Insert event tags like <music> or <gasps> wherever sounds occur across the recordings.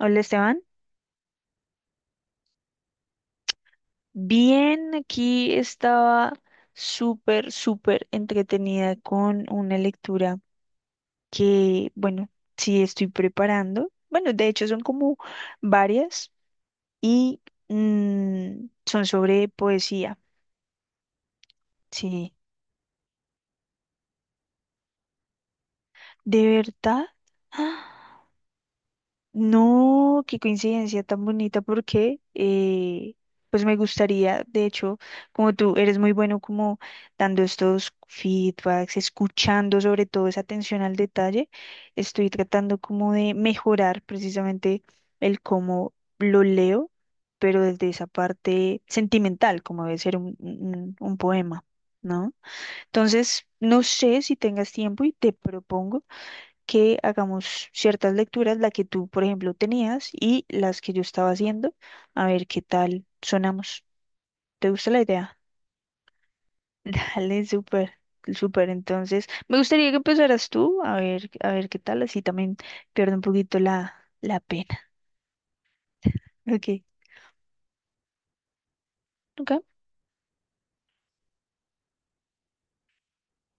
Hola Esteban, bien, aquí estaba súper, súper entretenida con una lectura que, bueno, sí estoy preparando. Bueno, de hecho son como varias y son sobre poesía. Sí, de verdad. <gasps> No, qué coincidencia tan bonita porque pues me gustaría, de hecho, como tú eres muy bueno como dando estos feedbacks, escuchando sobre todo esa atención al detalle, estoy tratando como de mejorar precisamente el cómo lo leo, pero desde esa parte sentimental, como debe ser un poema, ¿no? Entonces, no sé si tengas tiempo y te propongo que hagamos ciertas lecturas, la que tú, por ejemplo, tenías y las que yo estaba haciendo, a ver qué tal sonamos. ¿Te gusta la idea? <laughs> Dale, súper, súper. Entonces, me gustaría que empezaras tú, a ver qué tal, así también pierdo un poquito la pena. <laughs> Ok, ok,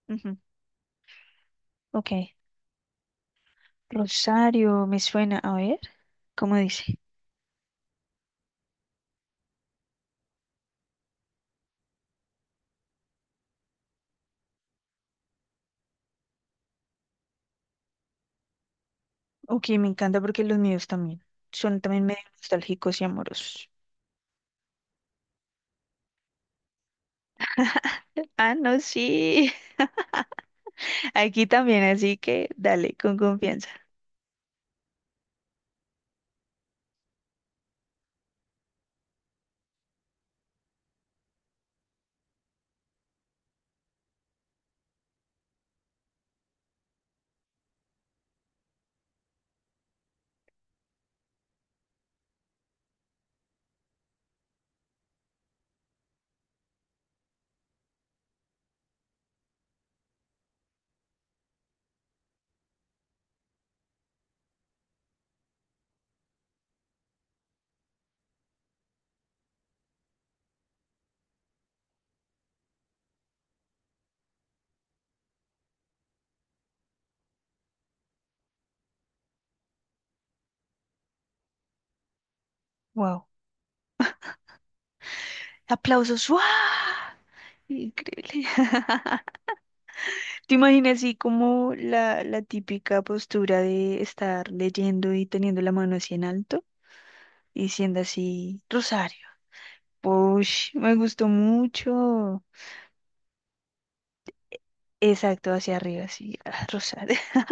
ujú, ok. Rosario, me suena, a ver, ¿cómo dice? Ok, me encanta porque los míos también son también medio nostálgicos y amorosos. Ah, no, sí. Aquí también, así que dale, con confianza. Wow. ¡Aplausos! ¡Wow! Increíble. <laughs> ¿Te imaginas así como la típica postura de estar leyendo y teniendo la mano así en alto, diciendo así, Rosario? Push, me gustó mucho. Exacto, hacia arriba, así, ah, Rosario. <laughs>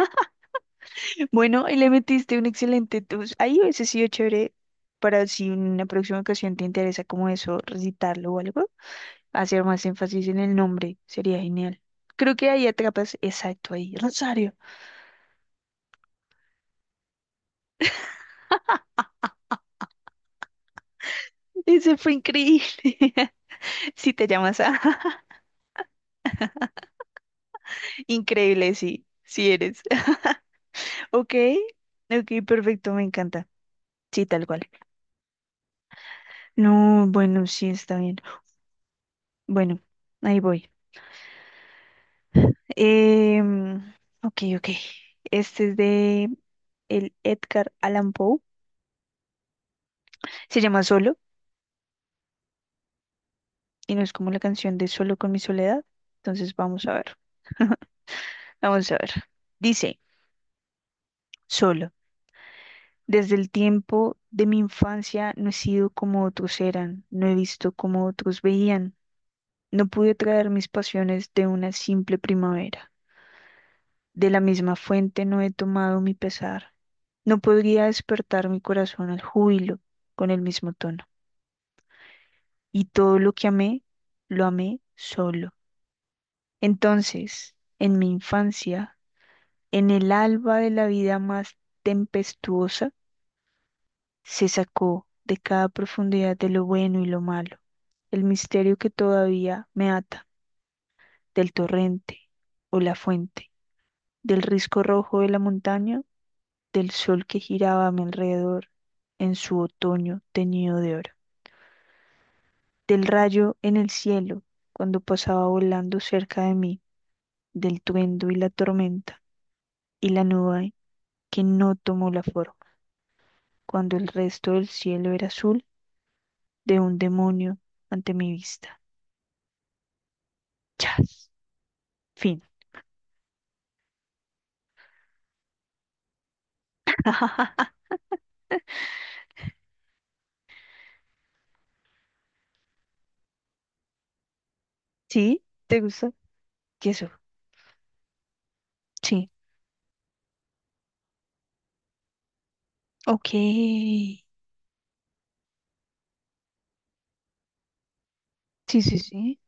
Bueno, y le metiste un excelente tus. Ahí hubiese sido chévere para si en una próxima ocasión te interesa como eso, recitarlo o algo, hacer más énfasis en el nombre, sería genial. Creo que ahí atrapas, exacto, ahí, Rosario. Ese fue increíble. <laughs> Si te llamas a <laughs> increíble, sí, sí eres. <laughs> Ok, ok, perfecto, me encanta. Sí, tal cual. No, bueno, sí, está bien. Bueno, ahí voy. Em, ok, ok. Este es de el Edgar Allan Poe. Se llama Solo y no es como la canción de Solo con mi soledad. Entonces vamos a ver. Vamos a ver. Dice, Solo. Desde el tiempo de mi infancia no he sido como otros eran, no he visto como otros veían, no pude traer mis pasiones de una simple primavera. De la misma fuente no he tomado mi pesar, no podría despertar mi corazón al júbilo con el mismo tono. Y todo lo que amé, lo amé solo. Entonces, en mi infancia, en el alba de la vida más tempestuosa, se sacó de cada profundidad de lo bueno y lo malo, el misterio que todavía me ata del torrente o la fuente, del risco rojo de la montaña, del sol que giraba a mi alrededor en su otoño teñido de oro, del rayo en el cielo cuando pasaba volando cerca de mí, del tuendo y la tormenta y la nube que no tomó la forma, cuando el resto del cielo era azul de un demonio ante mi vista. Chas. Fin. <laughs> ¿Sí? ¿Te gusta? Queso. Sí. Ok. Sí, sí, sí.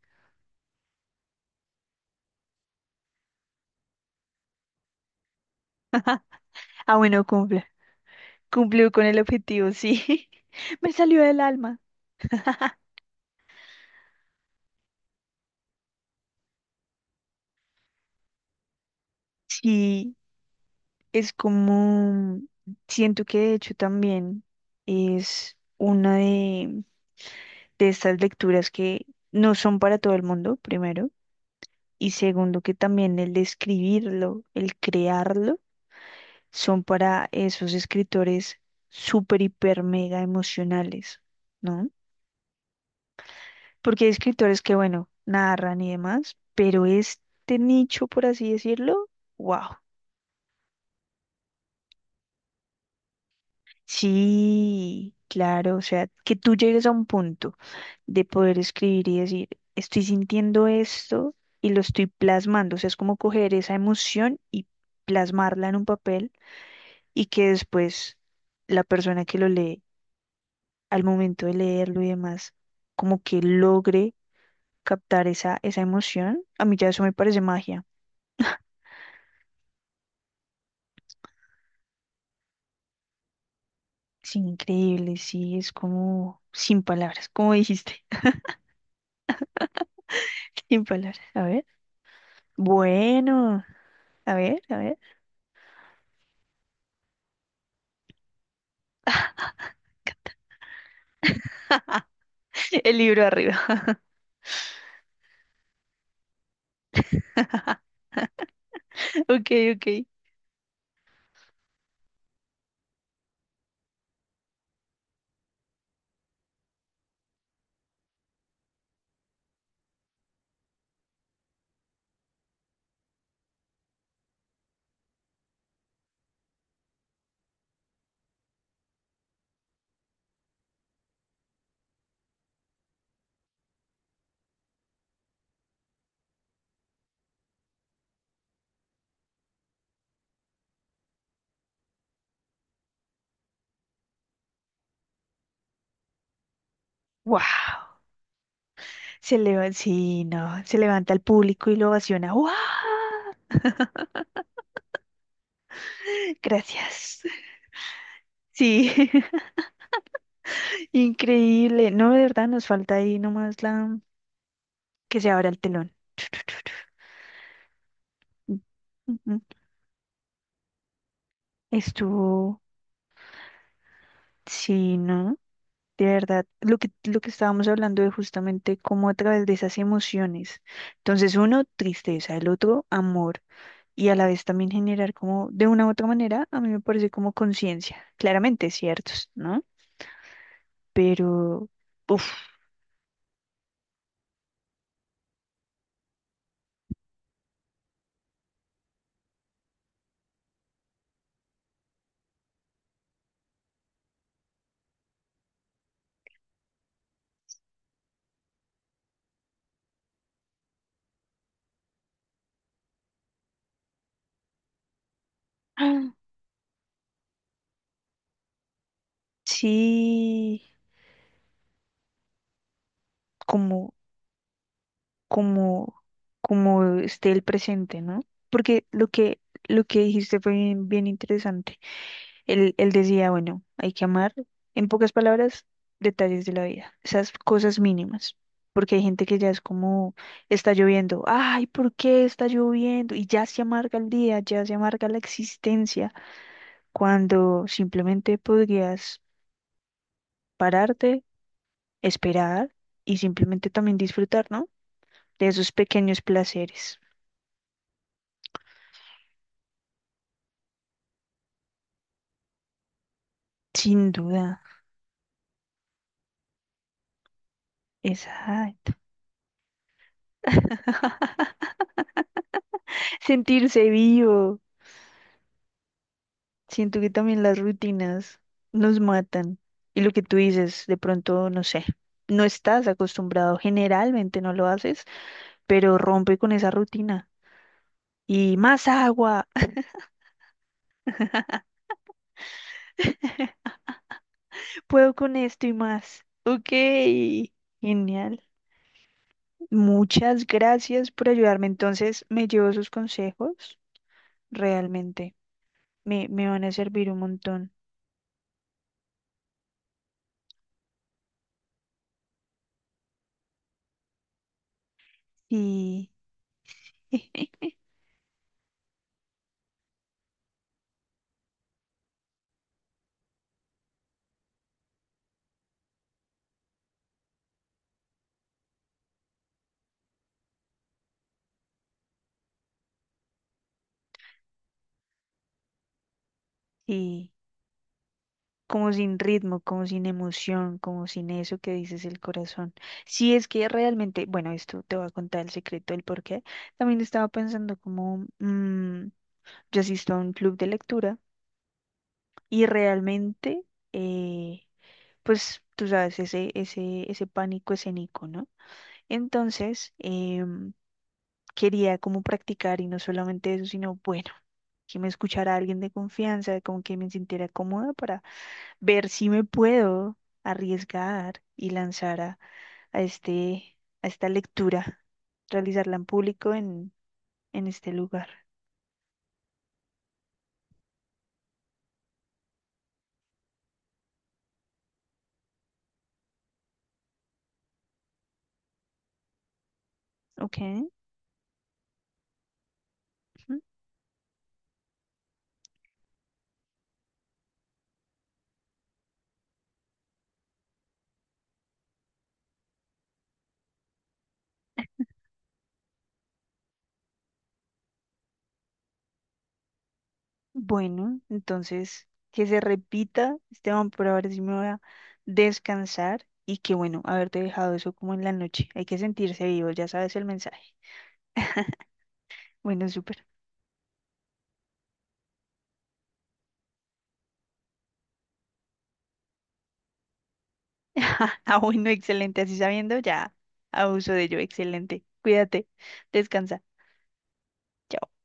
Ah, bueno, cumple. Cumplió con el objetivo, sí. <laughs> Me salió del alma. Sí, es como, siento que de hecho también es una de estas lecturas que no son para todo el mundo, primero, y segundo que también el escribirlo, el crearlo, son para esos escritores súper, hiper, mega emocionales, ¿no? Porque hay escritores que, bueno, narran y demás, pero este nicho, por así decirlo, wow. Sí, claro, o sea, que tú llegues a un punto de poder escribir y decir, estoy sintiendo esto y lo estoy plasmando, o sea, es como coger esa emoción y plasmarla en un papel y que después la persona que lo lee, al momento de leerlo y demás, como que logre captar esa, esa emoción, a mí ya eso me parece magia. Sí, increíble, sí, es como sin palabras, como dijiste, <laughs> sin palabras. A ver, bueno, a ver, <laughs> el libro arriba. <laughs> Ok, ok. Wow. Se levanta, sí, no, se levanta el público y lo ovaciona. ¡Wow! Gracias. Sí. <laughs> Increíble. No, de verdad, nos falta ahí nomás la que se abra el telón. <laughs> Ujú. Estuvo, sí, ¿no? De verdad, lo que estábamos hablando de justamente cómo a través de esas emociones. Entonces, uno, tristeza, el otro, amor. Y a la vez también generar como, de una u otra manera, a mí me parece como conciencia. Claramente, ciertos, ¿no? Pero, uff, sí, como como, como esté el presente, ¿no? Porque lo que dijiste fue bien, bien interesante. Él decía, bueno, hay que amar, en pocas palabras, detalles de la vida, esas cosas mínimas. Porque hay gente que ya es como, está lloviendo, ay, ¿por qué está lloviendo? Y ya se amarga el día, ya se amarga la existencia, cuando simplemente podrías pararte, esperar y simplemente también disfrutar, ¿no? De esos pequeños placeres. Sin duda. Exacto. <laughs> Sentirse vivo. Siento que también las rutinas nos matan. Y lo que tú dices, de pronto, no sé, no estás acostumbrado, generalmente no lo haces, pero rompe con esa rutina. Y más agua, <laughs> puedo con esto y más. Ok, genial. Muchas gracias por ayudarme. Entonces, me llevo sus consejos, realmente. Me van a servir un montón. Y, <laughs> y como sin ritmo, como sin emoción, como sin eso que dices el corazón. Si es que realmente, bueno, esto te voy a contar el secreto del por qué. También estaba pensando como, yo asisto a un club de lectura y realmente, eh, pues tú sabes, ese pánico escénico, ¿no? Entonces, em, quería como practicar y no solamente eso, sino, bueno, que me escuchara alguien de confianza, como que me sintiera cómoda para ver si me puedo arriesgar y lanzar a este, a esta lectura, realizarla en público en este lugar. Ok, ujú. Bueno, entonces que se repita, Esteban, por ahora sí me voy a descansar y que bueno, haberte dejado eso como en la noche. Hay que sentirse vivo, ya sabes el mensaje. <laughs> Bueno, súper. <laughs> Ah, bueno, excelente, así sabiendo ya abuso de ello, excelente. Cuídate, descansa. Chao.